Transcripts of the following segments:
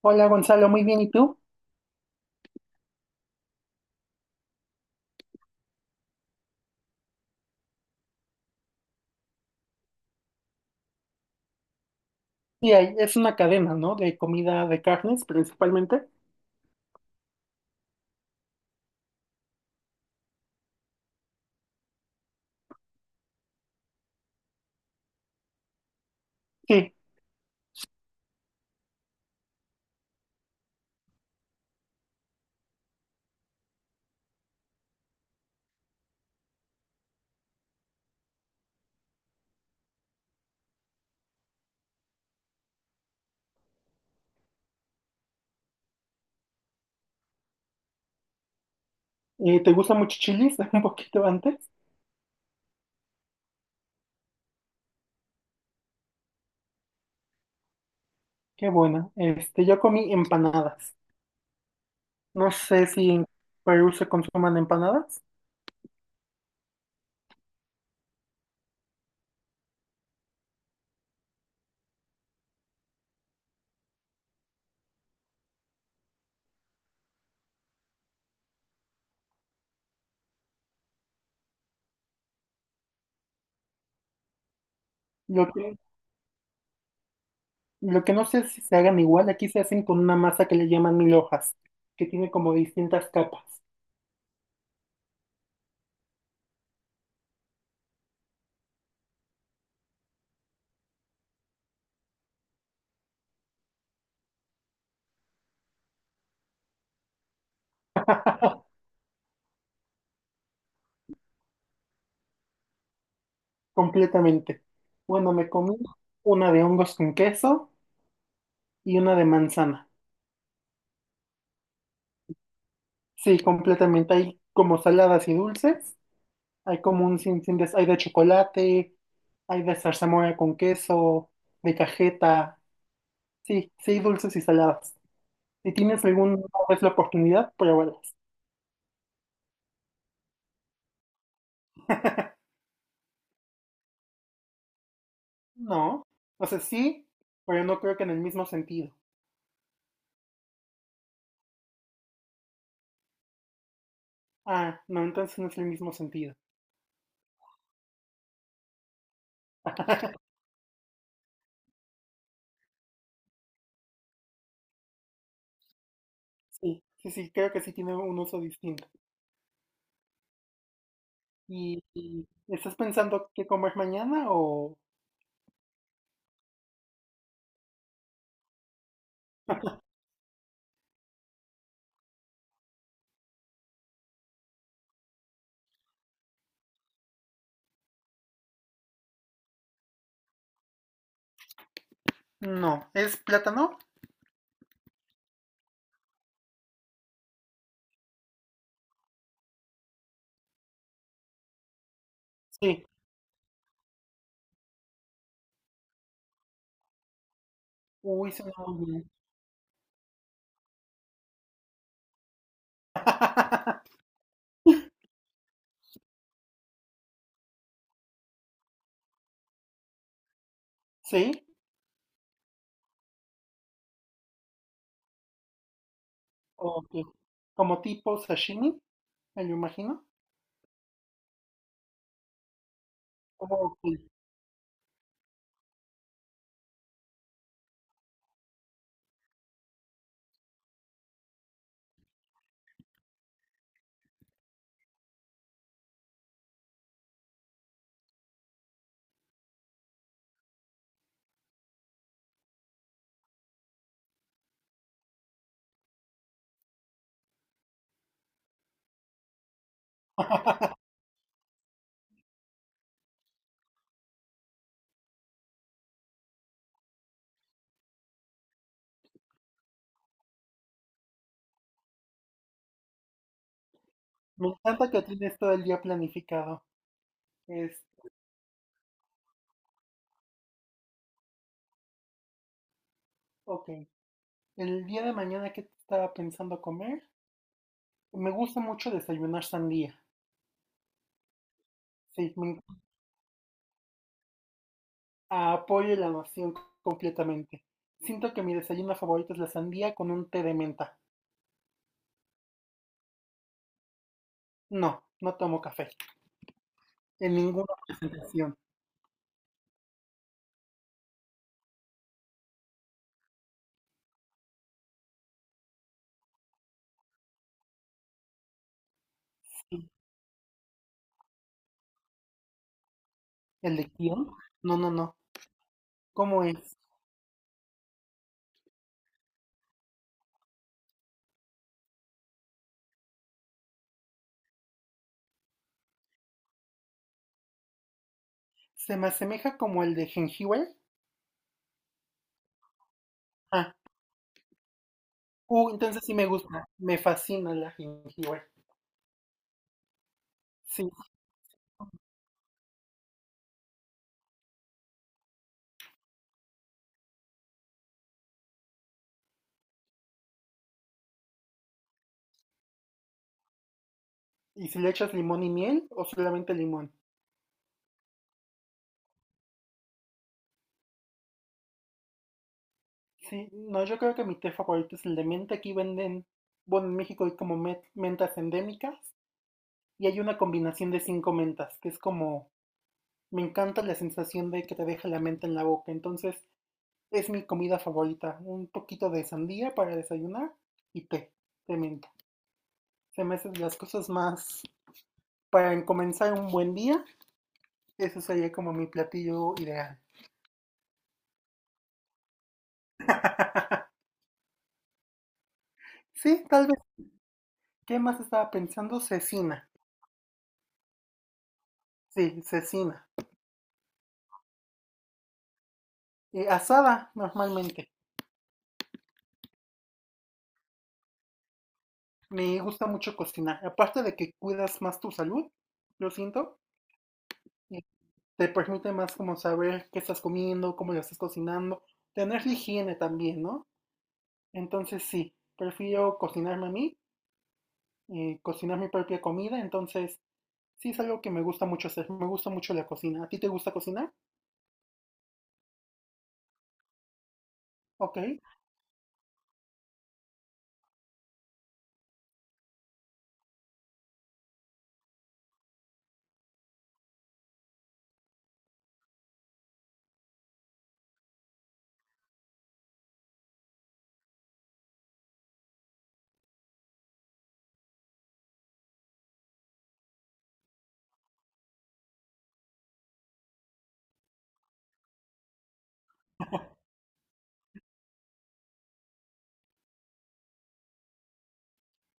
Hola Gonzalo, muy bien, ¿y tú? Sí, es una cadena, ¿no? De comida de carnes principalmente. Sí, ¿te gusta mucho chilis? Un poquito antes. Qué bueno. Este, yo comí empanadas. No sé si en Perú se consuman empanadas. Lo que, lo que no sé es si se hagan igual, aquí se hacen con una masa que le llaman mil hojas, que tiene como distintas capas, completamente. Bueno, me comí una de hongos con queso y una de manzana. Sí, completamente. Hay como saladas y dulces. Hay como un sinfín de... Hay de chocolate, hay de zarzamora con queso, de cajeta. Sí, sí, dulces y saladas. Si tienes alguna vez la oportunidad, pruébalas. No. O sea, sí, pero no creo que en el mismo sentido. Ah, no, entonces no es el mismo sentido. Sí, sí, sí, creo que sí tiene un uso distinto. ¿Y estás pensando qué comer mañana o...? No. ¿Es plátano? Sí. Uy, suena muy bien. Sí. Ok. Como tipo sashimi, me lo imagino. Ok. Me encanta que tienes todo el día planificado. Es, ok. El día de mañana, ¿qué estaba pensando comer? Me gusta mucho desayunar sandía. Sí, apoyo la noción completamente. Siento que mi desayuno favorito es la sandía con un té de menta. No, no tomo café. En ninguna presentación. Sí. ¿El de quién? No, no, no. ¿Cómo es? Se me asemeja como el de jengibre. Ah, uh, entonces sí me gusta, me fascina la jengibre. Sí, ¿y si le echas limón y miel o solamente limón? Sí, no, yo creo que mi té favorito es el de menta. Aquí venden, bueno, en México hay como mentas endémicas y hay una combinación de 5 mentas, que es como, me encanta la sensación de que te deja la menta en la boca. Entonces, es mi comida favorita. Un poquito de sandía para desayunar y té de menta. Se me hacen las cosas más, para comenzar un buen día, eso sería como mi platillo ideal. Sí, tal vez. ¿Qué más estaba pensando? Cecina. Sí, cecina. Asada, normalmente. Me gusta mucho cocinar. Aparte de que cuidas más tu salud, lo siento. eh, Te permite más como saber qué estás comiendo, cómo lo estás cocinando. Tener la higiene también, ¿no? Entonces sí, prefiero cocinarme a mí, cocinar mi propia comida. Entonces sí es algo que me gusta mucho hacer. Me gusta mucho la cocina. ¿A ti te gusta cocinar? Ok.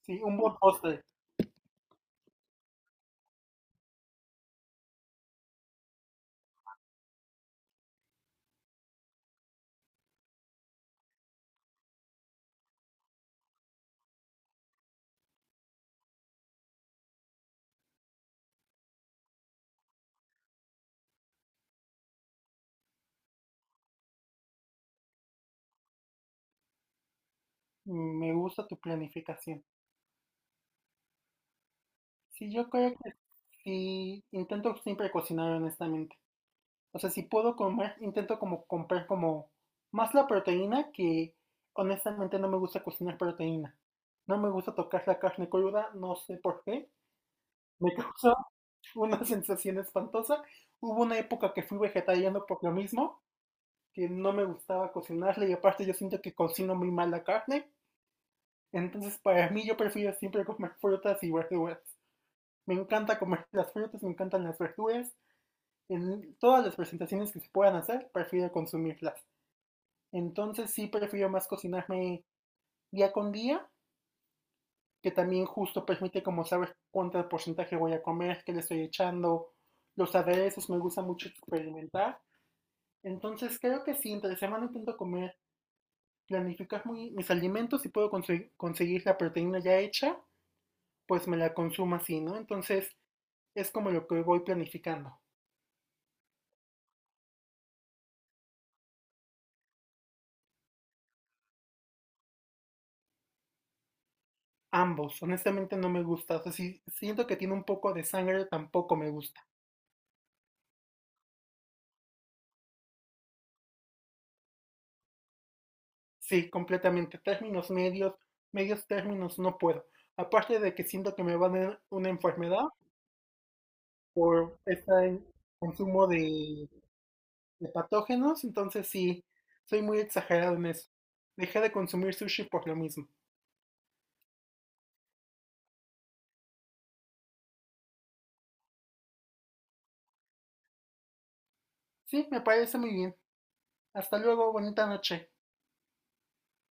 Sí, un buen postre. Mm, me gusta tu planificación. Sí, yo creo. Y intento siempre cocinar honestamente. O sea, si puedo comer, intento como comprar como más la proteína que honestamente no me gusta cocinar proteína. No me gusta tocar la carne cruda, no sé por qué. Me causa una sensación espantosa. Hubo una época que fui vegetariano por lo mismo, que no me gustaba cocinarla y aparte yo siento que cocino muy mal la carne. Entonces para mí yo prefiero siempre comer frutas y verduras. Me encanta comer las frutas, me encantan las verduras. En todas las presentaciones que se puedan hacer, prefiero consumirlas. Entonces sí prefiero más cocinarme día con día, que también justo permite como saber cuánto porcentaje voy a comer, qué le estoy echando, los aderezos, me gusta mucho experimentar. Entonces creo que sí, entre semana intento comer, planificar mis alimentos si puedo conseguir, conseguir la proteína ya hecha, pues me la consumo así, ¿no? Entonces es como lo que voy planificando. Ambos, honestamente no me gusta. O sea, si siento que tiene un poco de sangre, tampoco me gusta. Sí, completamente. Términos medios, medios términos no puedo. Aparte de que siento que me van a dar una enfermedad por este consumo de patógenos, entonces sí, soy muy exagerado en eso. Dejé de consumir sushi por lo mismo. Sí, me parece muy bien. Hasta luego, bonita noche.